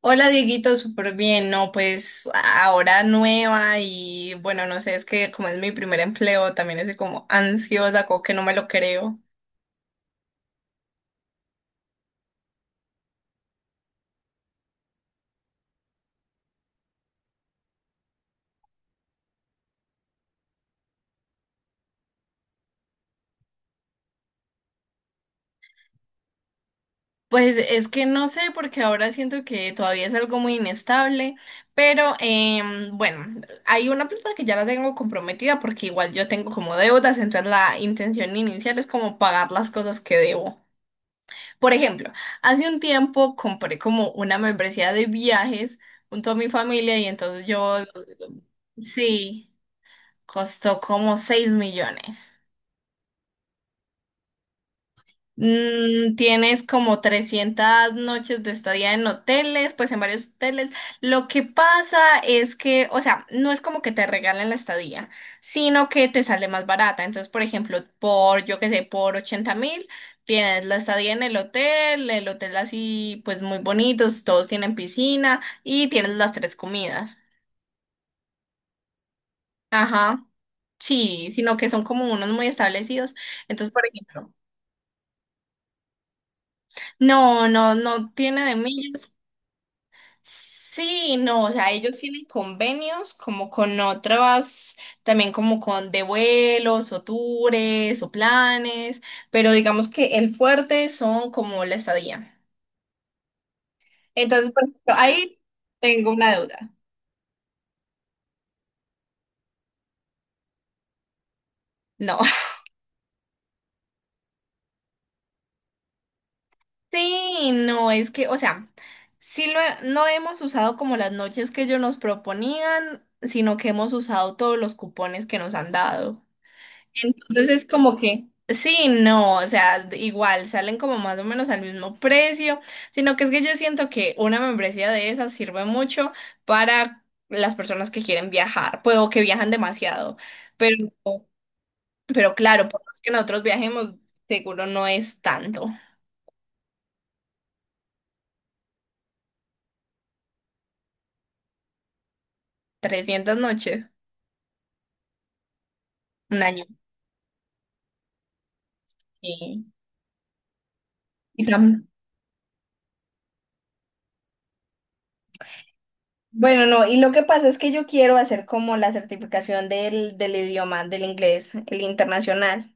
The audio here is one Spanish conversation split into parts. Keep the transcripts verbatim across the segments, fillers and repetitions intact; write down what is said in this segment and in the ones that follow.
Hola Dieguito, súper bien, no, pues ahora nueva y bueno, no sé, es que como es mi primer empleo, también estoy como ansiosa, como que no me lo creo. Pues es que no sé, porque ahora siento que todavía es algo muy inestable, pero em, bueno, hay una plata que ya la tengo comprometida porque igual yo tengo como deudas, entonces la intención inicial es como pagar las cosas que debo. Por ejemplo, hace un tiempo compré como una membresía de viajes junto a mi familia y entonces yo Sí, costó como seis millones. Mm, tienes como trescientas noches de estadía en hoteles, pues en varios hoteles. Lo que pasa es que, o sea, no es como que te regalen la estadía, sino que te sale más barata. Entonces, por ejemplo, por, yo qué sé, por ochenta mil, tienes la estadía en el hotel, el hotel así, pues muy bonitos, todos tienen piscina y tienes las tres comidas. Ajá, sí, sino que son como unos muy establecidos. Entonces, por ejemplo. No, no, no tiene de millas. Sí, no, o sea, ellos tienen convenios como con otras, también como con de vuelos o tours o planes, pero digamos que el fuerte son como la estadía. Entonces, por ejemplo, ahí tengo una deuda. No. Sí, no, es que, o sea, sí lo he- no hemos usado como las noches que ellos nos proponían, sino que hemos usado todos los cupones que nos han dado. Entonces es como que, sí, no, o sea, igual salen como más o menos al mismo precio, sino que es que yo siento que una membresía de esas sirve mucho para las personas que quieren viajar, pues o que viajan demasiado, pero, pero claro, por más que nosotros viajemos, seguro no es tanto. Trescientas noches. Un año. Sí. Y tam- Bueno, no, y lo que pasa es que yo quiero hacer como la certificación del, del idioma, del inglés, el internacional.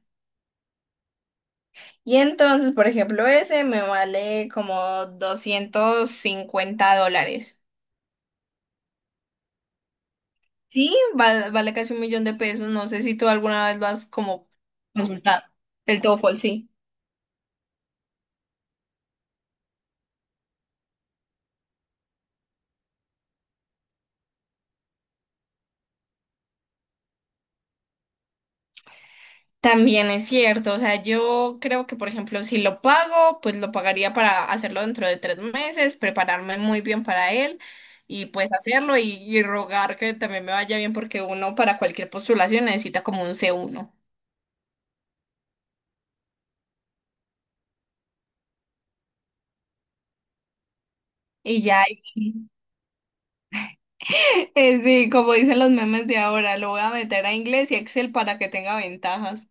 Y entonces, por ejemplo, ese me vale como doscientos cincuenta dólares. Sí, vale, vale casi un millón de pesos. No sé si tú alguna vez lo has como consultado. El TOEFL, sí. También es cierto. O sea, yo creo que, por ejemplo, si lo pago, pues lo pagaría para hacerlo dentro de tres meses, prepararme muy bien para él y pues hacerlo y, y rogar que también me vaya bien porque uno para cualquier postulación necesita como un c uno. Y ya. Eh, Sí, como dicen los memes de ahora, lo voy a meter a inglés y Excel para que tenga ventajas.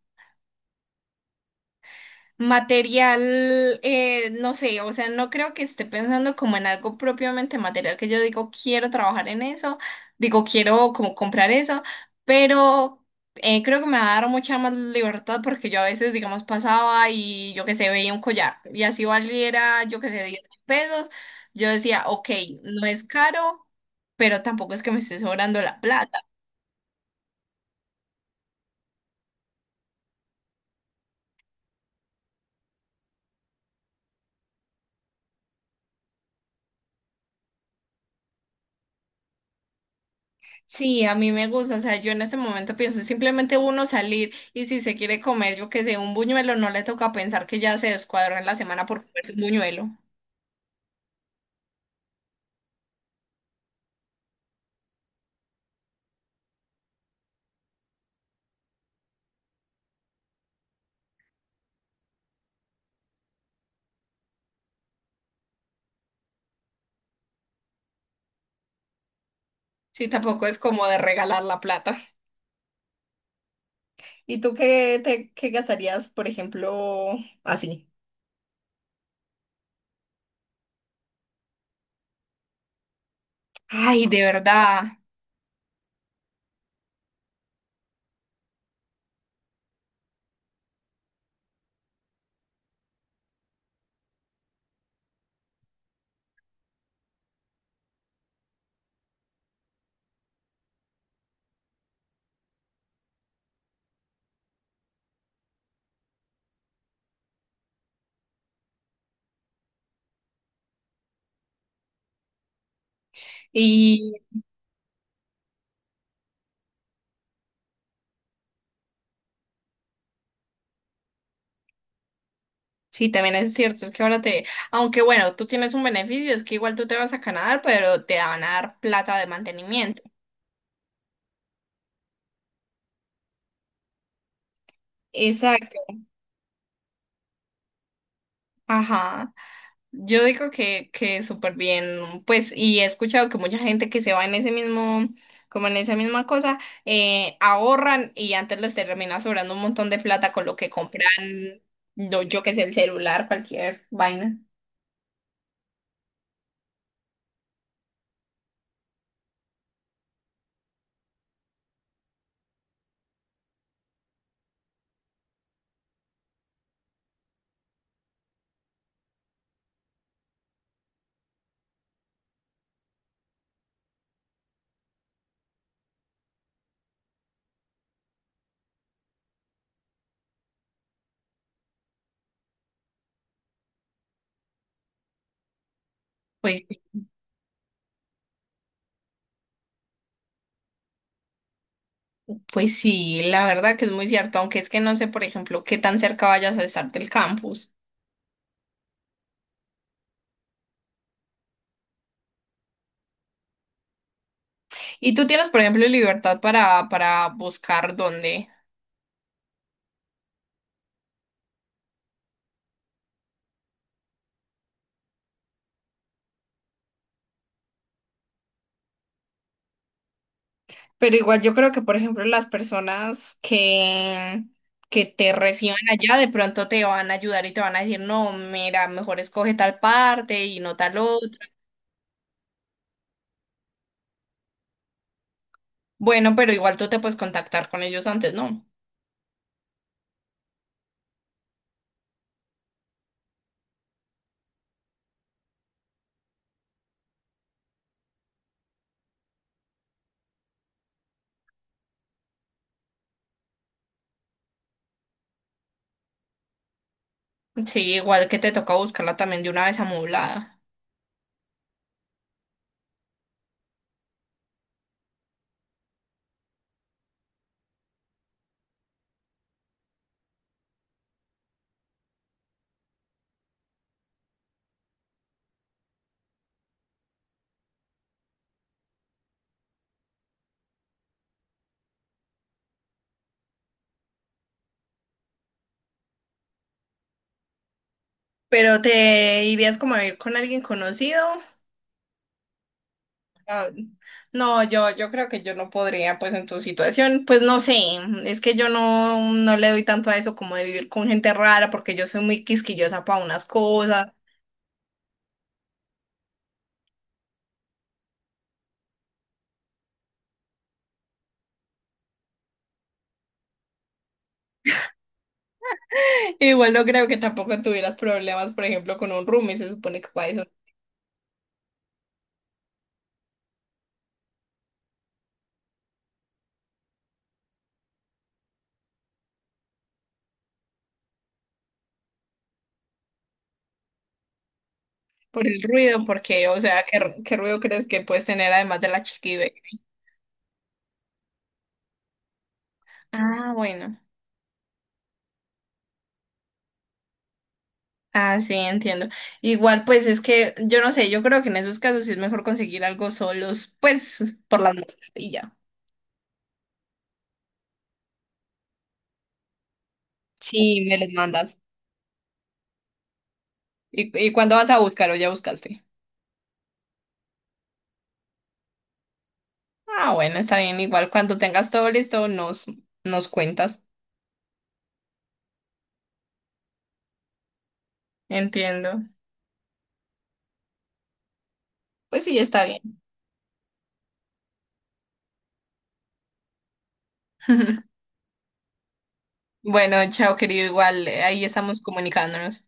Material, eh, no sé, o sea, no creo que esté pensando como en algo propiamente material, que yo digo, quiero trabajar en eso, digo, quiero como comprar eso, pero eh, creo que me va a dar mucha más libertad porque yo a veces, digamos, pasaba y yo que sé, veía un collar y así valiera, yo que sé, diez mil pesos, yo decía, ok, no es caro, pero tampoco es que me esté sobrando la plata. Sí, a mí me gusta, o sea, yo en este momento pienso simplemente uno salir y si se quiere comer, yo que sé, un buñuelo, no le toca pensar que ya se descuadró en la semana por comerse un buñuelo. Sí, tampoco es como de regalar la plata. ¿Y tú qué te qué gastarías, por ejemplo, así? Ay, de verdad. Y sí, también es cierto, es que ahora te, aunque bueno, tú tienes un beneficio, es que igual tú te vas a Canadá, pero te van a dar plata de mantenimiento. Exacto. Ajá. Yo digo que, que súper bien, pues, y he escuchado que mucha gente que se va en ese mismo, como en esa misma cosa, eh, ahorran y antes les termina sobrando un montón de plata con lo que compran, lo, yo que sé, el celular, cualquier vaina. Pues, pues sí, la verdad que es muy cierto, aunque es que no sé, por ejemplo, qué tan cerca vayas a estar del campus. Y tú tienes, por ejemplo, libertad para, para buscar dónde. Pero igual yo creo que, por ejemplo, las personas que, que te reciban allá de pronto te van a ayudar y te van a decir, no, mira, mejor escoge tal parte y no tal otra. Bueno, pero igual tú te puedes contactar con ellos antes, ¿no? Sí, igual que te toca buscarla también de una vez amoblada. Pero te irías como a ir con alguien conocido. Ah, no, yo, yo creo que yo no podría, pues en tu situación, pues no sé, es que yo no, no le doy tanto a eso como de vivir con gente rara, porque yo soy muy quisquillosa para unas cosas. Igual no creo que tampoco tuvieras problemas, por ejemplo, con un roomie, se supone que para eso, por el ruido, porque, o sea, ¿qué, ru- qué ruido crees que puedes tener además de la chiquibé? Ah, bueno. Ah, sí, entiendo. Igual, pues es que yo no sé, yo creo que en esos casos sí es mejor conseguir algo solos, pues por las noches y ya. Sí, me los mandas. ¿Y, y cuándo vas a buscar o ya buscaste? Ah, bueno, está bien, igual cuando tengas todo listo nos, nos cuentas. Entiendo. Pues sí, está bien. Bueno, chao, querido, igual eh, ahí estamos comunicándonos.